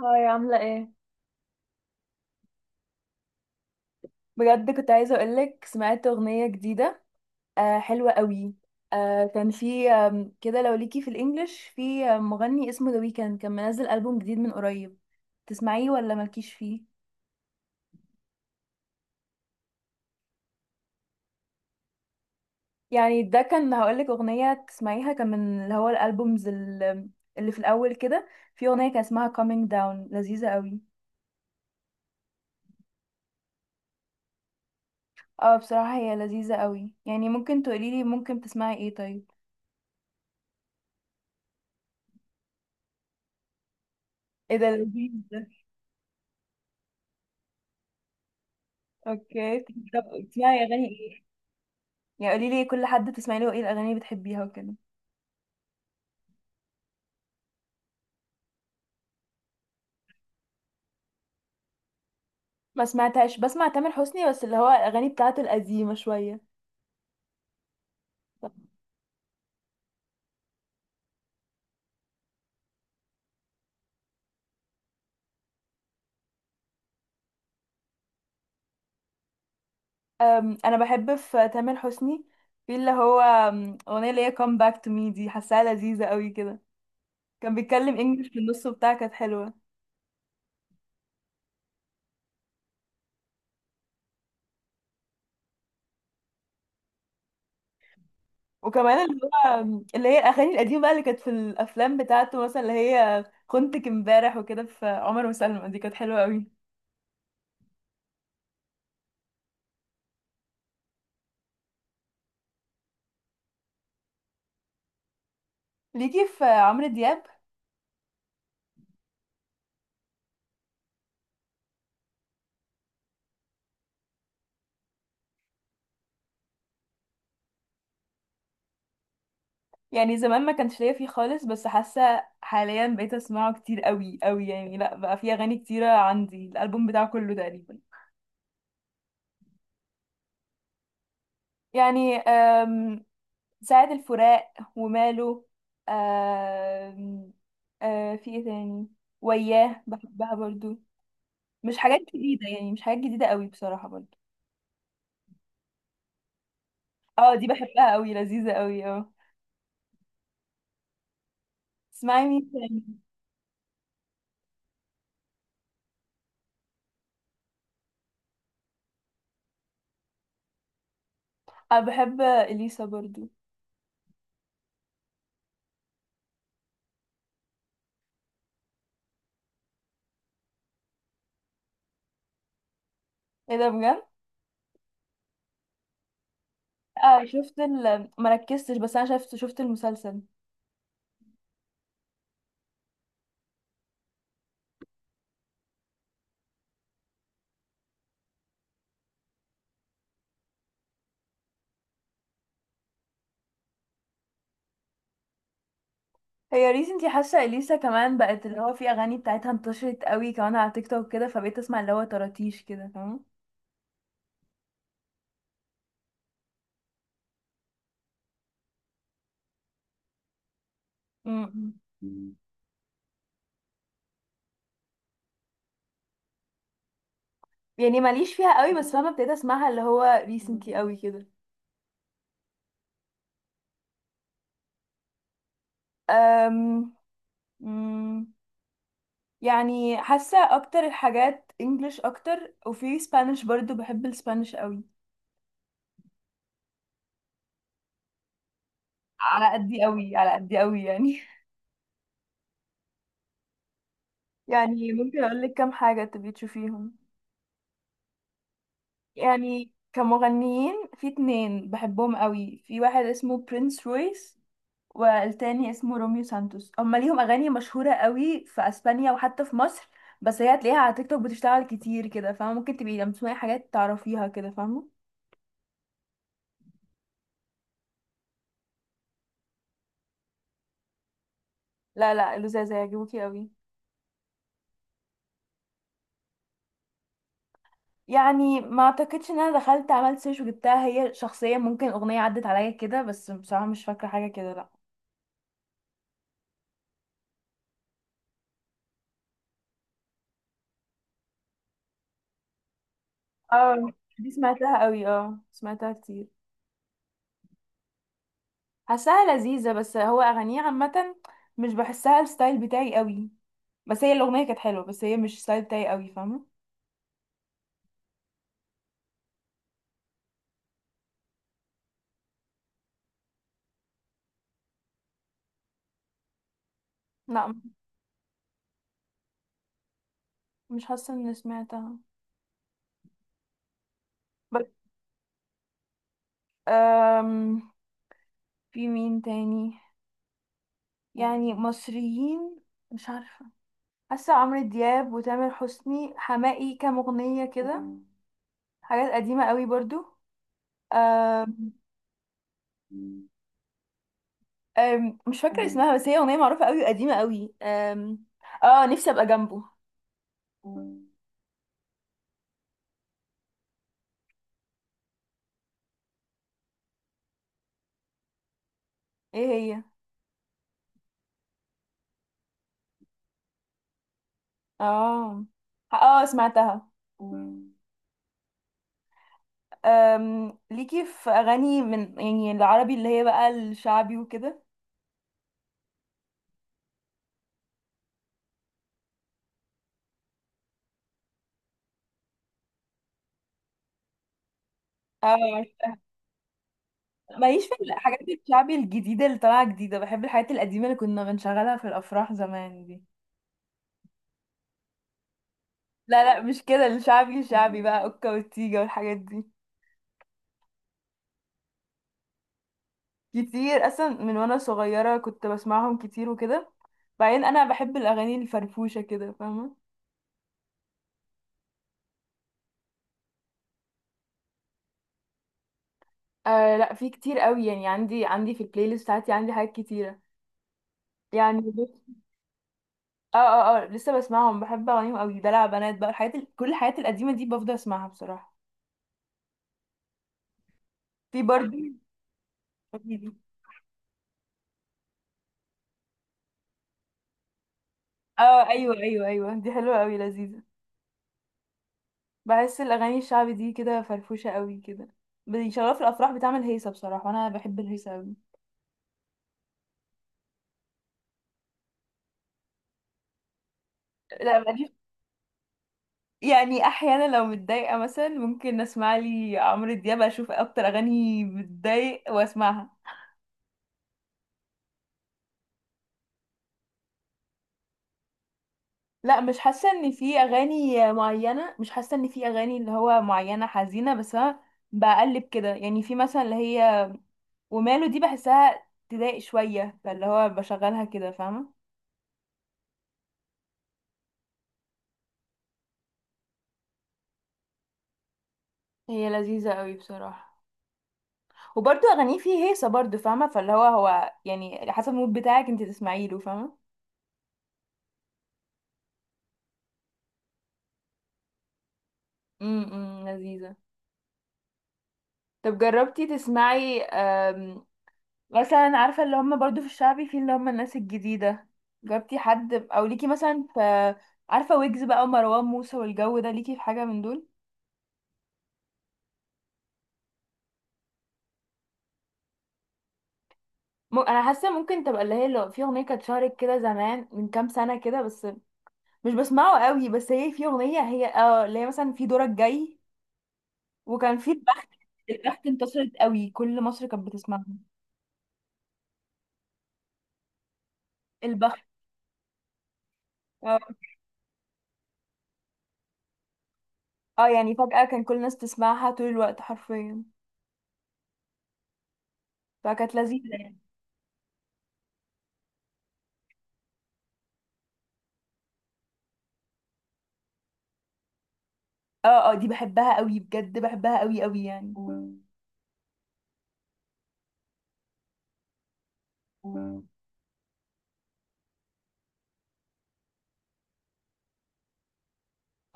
هاي عاملة ايه؟ بجد كنت عايزة اقولك سمعت اغنية جديدة. آه، حلوة قوي. آه كان في كده لو ليكي في الانجليش، في مغني اسمه ذا ويكند كان منزل ألبوم جديد من قريب. تسمعيه ولا مالكيش فيه؟ يعني ده كان هقولك اغنية تسمعيها، كان من اللي هو الألبومز اللي في الأول كده. في اغنية كان اسمها coming down، لذيذة قوي. اه بصراحة هي لذيذة قوي، يعني ممكن تقوليلي ممكن تسمعي ايه طيب؟ ايه ده، لذيذ ده. اوكي طب، بتسمعي اغاني ايه؟ يعني قولي لي كل حد بتسمعي له ايه، الاغاني اللي بتحبيها وكده. ما سمعتهاش، بسمع تامر حسني بس اللي هو الاغاني بتاعته القديمه شويه. انا بحب في تامر حسني، في اللي هو اغنيه اللي هي come back to me دي، حاساها لذيذه قوي كده. كان بيتكلم انجلش في النص وبتاع، كانت حلوه. وكمان اللي هو اللي هي الاغاني القديمه بقى اللي كانت في الافلام بتاعته، مثلا اللي هي خنتك امبارح وكده، في عمر وسلمى، دي كانت حلوه قوي. ليكي في عمرو دياب؟ يعني زمان ما كانش ليا فيه خالص، بس حاسه حاليا بقيت اسمعه كتير قوي قوي، يعني لا بقى فيه اغاني كتيره عندي، الالبوم بتاعه كله تقريبا. يعني سعد الفراق، وماله، أم، في ايه تاني، وياه، بحبها برضو. مش حاجات جديده، يعني مش حاجات جديده قوي بصراحه برضو. اه دي بحبها قوي، لذيذه قوي اه. اسمعي مين تاني. انا بحب اليسا برضو. ايه ده بجد. اه شفت مركزتش، بس انا شفت المسلسل. هي ريسنتلي حاسه اليسا كمان بقت اللي هو في اغاني بتاعتها انتشرت قوي كمان على تيك توك كده، فبقيت اسمع اللي هو طراطيش كده فاهم. امم. يعني ماليش فيها قوي، بس فاهمه ابتديت اسمعها اللي هو ريسنتلي قوي كده. أم... أم، يعني حاسه اكتر الحاجات انجلش اكتر، وفي سبانيش برضو، بحب السبانيش قوي. على قدي قوي، على قدي قوي يعني يعني ممكن اقول لك كام حاجه تبي تشوفيهم. يعني كمغنيين في اتنين بحبهم قوي، في واحد اسمه برنس رويس والتاني اسمه روميو سانتوس. هما ليهم اغاني مشهوره قوي في اسبانيا وحتى في مصر، بس هي هتلاقيها على تيك توك بتشتغل كتير كده فاهمه، ممكن تبقي لما تسمعي حاجات تعرفيها كده فاهمه. لا لذاذه، هيعجبوكي قوي. يعني ما اعتقدش ان انا دخلت عملت سيرش وجبتها هي شخصيا، ممكن اغنيه عدت عليا كده، بس بصراحه مش فاكره حاجه كده لا. اه دي سمعتها قوي، اه سمعتها كتير. حاساها لذيذة، بس هو أغانيه عامة مش بحسها الستايل بتاعي قوي. بس هي الأغنية كانت حلوة، بس هي مش الستايل بتاعي قوي فاهمة. لا مش حاسة اني سمعتها. بس أم... في مين تاني، يعني مصريين. مش عارفة، حاسة عمرو دياب وتامر حسني حماقي، كام أغنية كده، حاجات قديمة قوي برضو. أم... مش فاكرة اسمها، بس هي أغنية معروفة قوي، قديمة قوي. اه، نفسي أبقى جنبه. ايه هي؟ اه اه، سمعتها. ليكي في أغاني من يعني العربي اللي هي بقى الشعبي وكده؟ اه، ماليش في الحاجات الشعبي الجديدة اللي طالعة جديدة، بحب الحاجات القديمة اللي كنا بنشغلها في الأفراح زمان دي. لا لا مش كده، الشعبي الشعبي بقى أوكا والتيجة والحاجات دي. كتير أصلا من وأنا صغيرة كنت بسمعهم كتير وكده، بعدين أنا بحب الأغاني الفرفوشة كده فاهمة. آه لا، في كتير قوي، يعني عندي في البلاي ليست بتاعتي عندي حاجات كتيرة، يعني اه اه اه لسه بسمعهم، بحب أغانيهم قوي، دلع بنات بقى، الحاجات كل الحاجات القديمة دي بفضل أسمعها بصراحة. في برضه. اه ايوه ايوه ايوه، دي حلوه قوي، لذيذه. بحس الاغاني الشعبي دي كده فرفوشه قوي كده، بيشغلوها في الافراح، بتعمل هيصه بصراحه، وانا بحب الهيصه قوي. لا ماليش. يعني احيانا لو متضايقه مثلا ممكن اسمع لي عمرو دياب، اشوف اكتر اغاني بتضايق واسمعها. لا مش حاسه ان في اغاني معينه، مش حاسه ان في اغاني اللي هو معينه حزينه، بس انا بقلب كده، يعني في مثلا اللي هي وماله دي، بحسها تضايق شويه، فاللي هو بشغلها كده فاهمه. هي لذيذه قوي بصراحه، وبرضه اغانيه فيه هيصه برضه فاهمه، فاللي هو يعني على حسب المود بتاعك انت تسمعي له فاهمه. امم، لذيذه. طب جربتي تسمعي مثلا عارفه اللي هم برضه في الشعبي، في اللي هم الناس الجديده، جربتي حد؟ او ليكي مثلا في، عارفه، ويجز بقى ومروان موسى والجو ده، ليكي في حاجه من دول؟ انا حاسه ممكن تبقى اللي هي لو في اغنيه كانت شهرت كده زمان من كام سنه كده بس، مش بسمعه قوي، بس هي في اغنيه، هي اه اللي هي مثلا في دورك جاي، وكان في البخت. البخت انتشرت قوي، كل مصر كانت بتسمعها. البخت، اه. آه، يعني فجأة كان كل الناس تسمعها طول الوقت حرفيا، فكانت لذيذة يعني. اه اه، دي بحبها قوي بجد، بحبها قوي قوي يعني.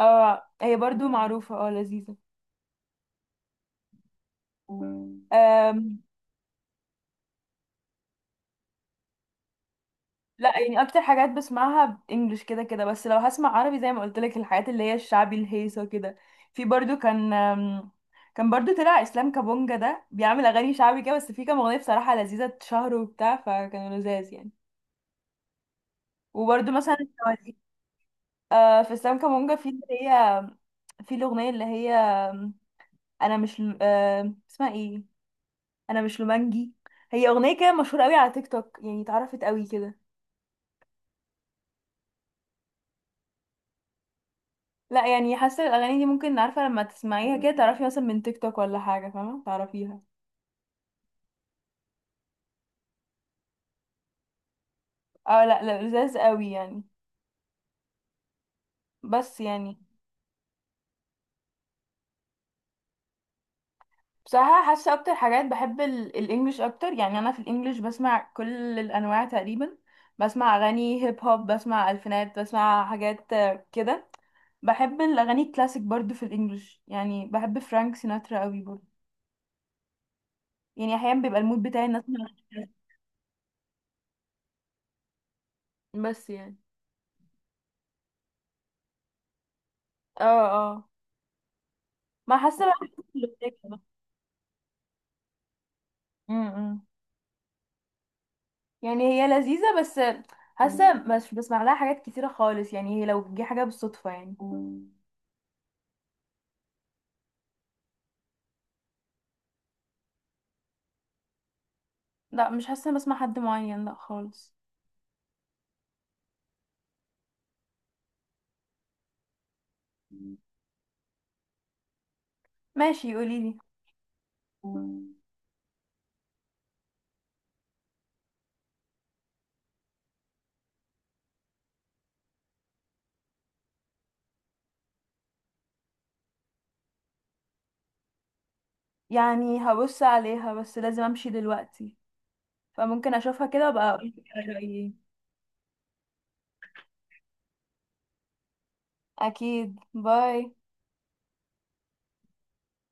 اه هي برضو معروفة، اه، لذيذة. لا يعني اكتر حاجات بسمعها انجلش كده كده، بس لو هسمع عربي زي ما قلت لك الحاجات اللي هي الشعبي الهيصه كده. في برضو كان كان برضو طلع اسلام كابونجا، ده بيعمل اغاني شعبي كده، بس في كام اغنيه بصراحه لذيذه اتشهروا وبتاع، فكانوا لذاذ يعني. وبرضو مثلا آه، في اسلام كابونجا، في اللي هي، في الاغنيه اللي هي انا مش ل- آم، اسمها ايه، انا مش لومانجي، هي اغنيه كده مشهوره قوي على تيك توك، يعني اتعرفت قوي كده. لا يعني حاسه الاغاني دي ممكن، عارفه، لما تسمعيها كده تعرفي مثلا من تيك توك ولا حاجه، فاهمه تعرفيها. اه لا لا، لذاذ قوي يعني. بس يعني، بصراحه حاسه اكتر حاجات بحب الانجليش اكتر، يعني انا في الانجليش بسمع كل الانواع تقريبا، بسمع اغاني هيب هوب، بسمع الفينات، بسمع حاجات كده. بحب الاغاني الكلاسيك برضو في الانجليش، يعني بحب فرانك سيناترا قوي برضو، يعني احيانا بيبقى المود بتاعي الناس. بس يعني، اه اه، ما حاسه بقى. امم، يعني هي لذيذة، بس حاسة مش بسمع لها حاجات كتيرة خالص يعني، هي لو جه حاجة بالصدفة يعني. لا مش حاسة إني بسمع حد معين، لا خالص. ماشي قوليلي. يعني هبص عليها، بس لازم امشي دلوقتي، فممكن اشوفها كده وابقى اقولك رأيي ايه. اكيد، باي.